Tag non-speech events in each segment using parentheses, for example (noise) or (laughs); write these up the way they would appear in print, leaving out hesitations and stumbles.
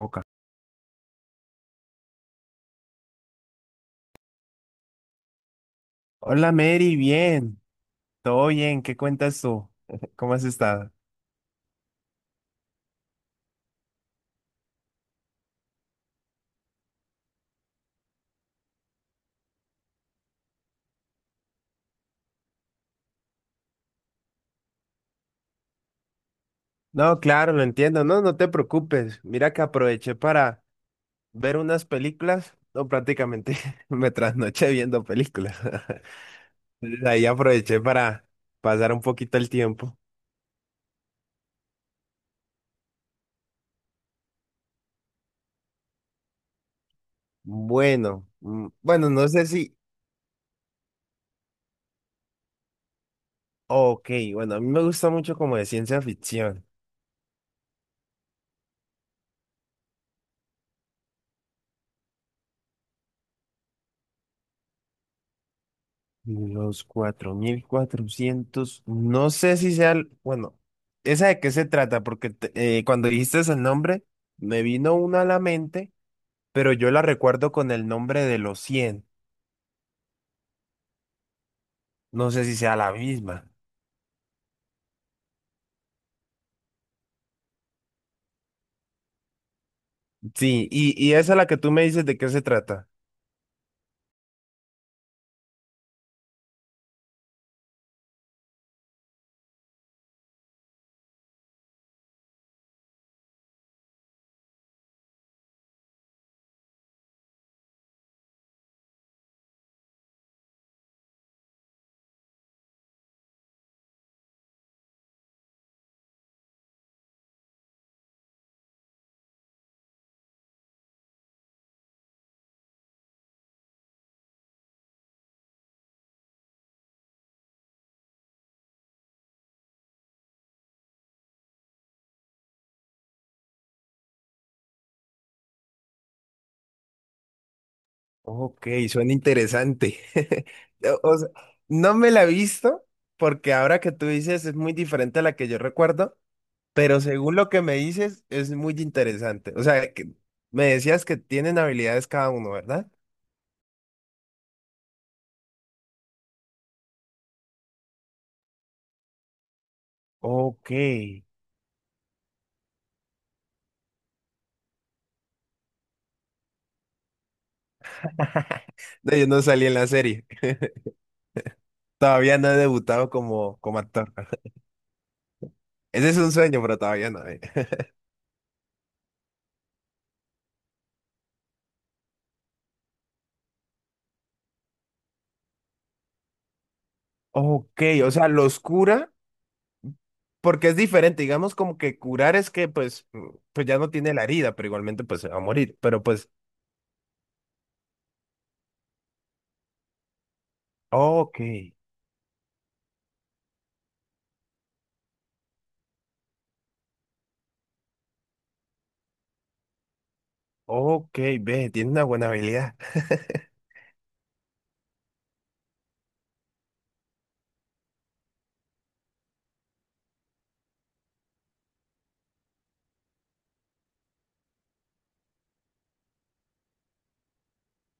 Boca. Hola Mary, bien, todo bien, ¿qué cuentas tú? (laughs) ¿Cómo has estado? No, claro, lo entiendo, no, no te preocupes. Mira que aproveché para ver unas películas, no, prácticamente (laughs) me trasnoché viendo películas. (laughs) Entonces, ahí aproveché para pasar un poquito el tiempo. Bueno, bueno, no sé si, ok, bueno, a mí me gusta mucho como de ciencia ficción. Los 4.400, no sé si sea, bueno, ¿esa de qué se trata? Porque cuando dijiste el nombre, me vino una a la mente, pero yo la recuerdo con el nombre de los 100. No sé si sea la misma. Sí, y esa la que tú me dices, ¿de qué se trata? Ok, suena interesante. (laughs) O sea, no me la he visto, porque ahora que tú dices es muy diferente a la que yo recuerdo. Pero según lo que me dices, es muy interesante. O sea, que me decías que tienen habilidades cada uno, ¿verdad? Ok. No, yo no salí en la serie. Todavía no he debutado como, como actor. Ese es un sueño, pero todavía no. Ok, o sea, los cura. Porque es diferente, digamos como que curar es que pues, pues ya no tiene la herida, pero igualmente pues se va a morir. Pero pues, ok, ok, ve, tiene una buena habilidad.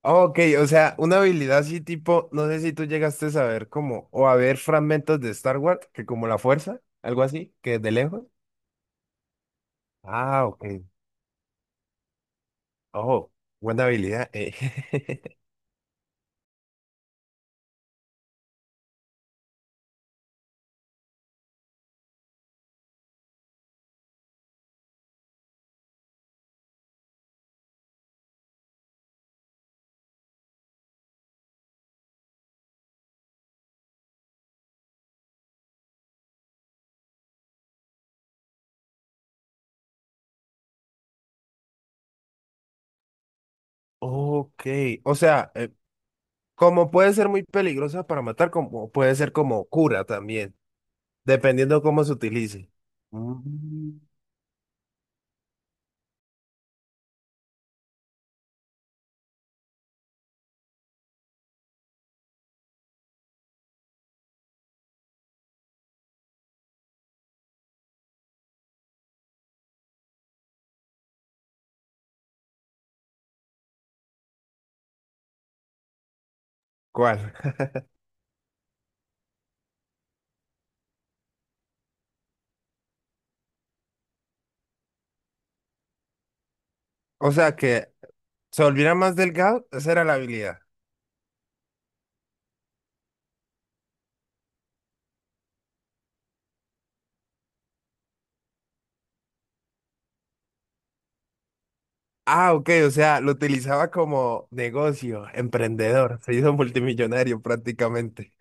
Oh, ok, o sea, una habilidad así tipo, no sé si tú llegaste a saber como, o a ver fragmentos de Star Wars, que como la fuerza, algo así, que de lejos. Ah, ok. Oh, buena habilidad. (laughs) Ok, o sea, como puede ser muy peligrosa para matar, como puede ser como cura también, dependiendo cómo se utilice. Mm. ¿Cuál? (laughs) O sea, que se volviera más delgado, esa era la habilidad. Ah, ok, o sea, lo utilizaba como negocio, emprendedor, se hizo multimillonario prácticamente.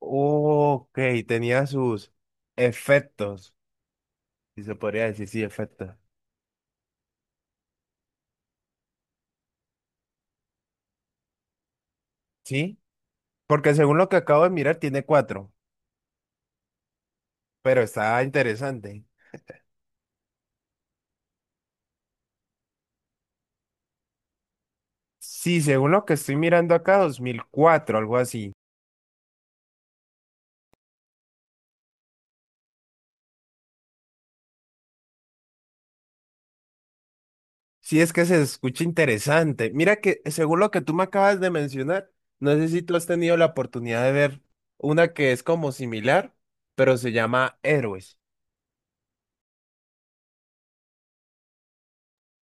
Ok, tenía sus efectos, si se podría decir, sí, efectos. Sí, porque según lo que acabo de mirar, tiene cuatro, pero está interesante. Sí, según lo que estoy mirando acá, 2004, algo así. Sí, es que se escucha interesante. Mira que según lo que tú me acabas de mencionar, no sé si tú has tenido la oportunidad de ver una que es como similar, pero se llama Héroes.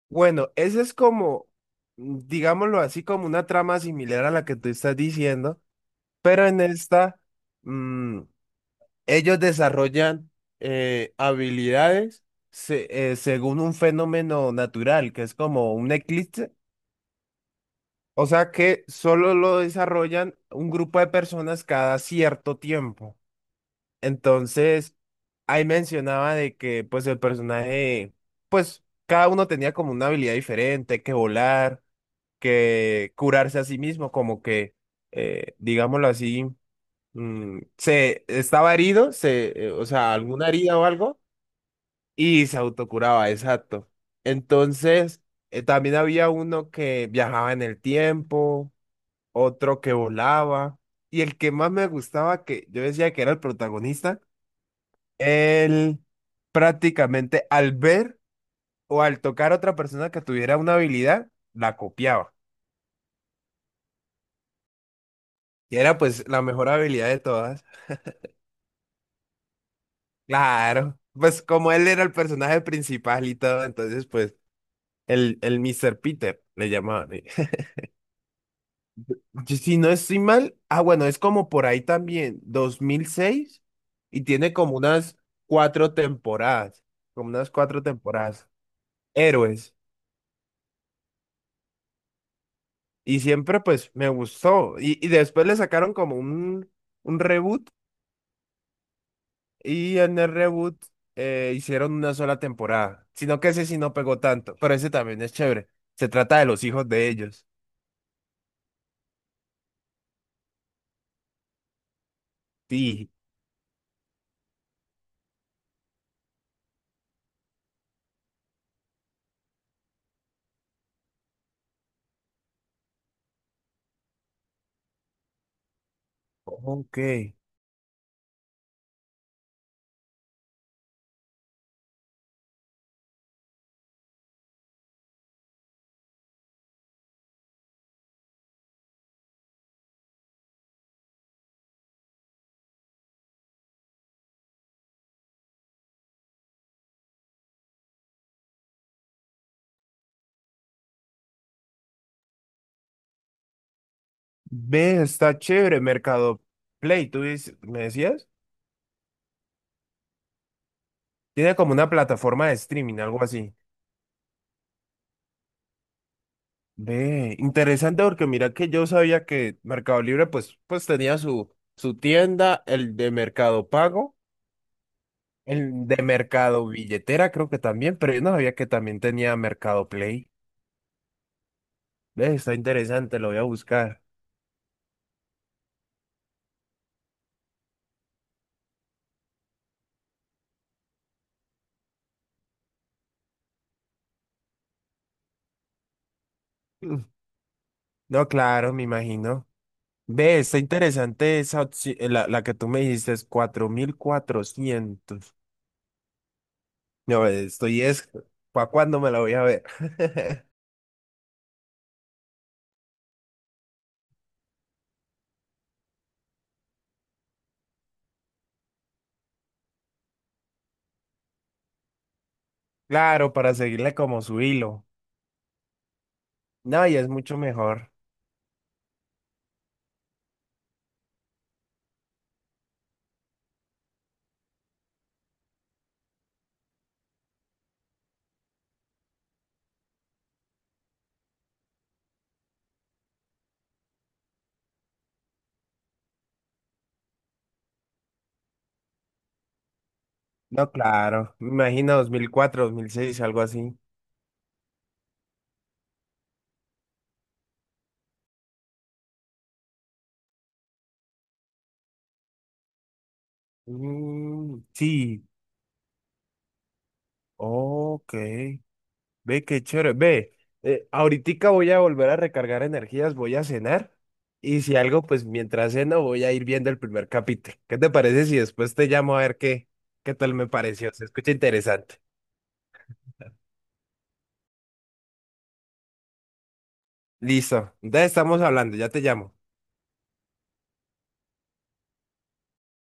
Bueno, esa es como, digámoslo así, como una trama similar a la que tú estás diciendo, pero en esta, mm, ellos desarrollan habilidades según un fenómeno natural, que es como un eclipse. O sea que solo lo desarrollan un grupo de personas cada cierto tiempo. Entonces, ahí mencionaba de que pues el personaje, pues cada uno tenía como una habilidad diferente, que volar, que curarse a sí mismo, como que, digámoslo así, se estaba herido, o sea, alguna herida o algo, y se autocuraba, exacto. Entonces, también había uno que viajaba en el tiempo, otro que volaba. Y el que más me gustaba, que yo decía que era el protagonista, él prácticamente al ver o al tocar a otra persona que tuviera una habilidad, la copiaba. Y era pues la mejor habilidad de todas. Claro. Pues como él era el personaje principal y todo, entonces pues el Mr. Peter le llamaban. Si no estoy mal, ah, bueno, es como por ahí también, 2006 y tiene como unas cuatro temporadas, como unas cuatro temporadas. Héroes, y siempre pues me gustó, y después le sacaron como un reboot, y en el reboot hicieron una sola temporada, sino que ese sí no pegó tanto, pero ese también es chévere, se trata de los hijos de ellos, sí, ok, ve, está chévere, Mercado Play, ¿tú dices- me decías? Tiene como una plataforma de streaming, algo así. Ve, interesante porque mira que yo sabía que Mercado Libre pues, pues tenía su, su tienda, el de Mercado Pago, el de Mercado Billetera creo que también, pero yo no sabía que también tenía Mercado Play. Ve, está interesante, lo voy a buscar. Mm, no, claro, me imagino. Ve, está interesante esa la, la que tú me dijiste es cuatro mil cuatrocientos. No, estoy es, ¿para cuándo me la voy a ver? (laughs) Claro, para seguirle como su hilo. No, y es mucho mejor. No, claro. Me imagino 2004, 2006, algo así. Mm, sí, ok. Ve qué chévere. Ve, ahoritica voy a volver a recargar energías, voy a cenar. Y si algo, pues mientras ceno voy a ir viendo el primer capítulo. ¿Qué te parece si después te llamo a ver qué, qué tal me pareció? Se escucha interesante. Listo. Entonces estamos hablando, ya te llamo.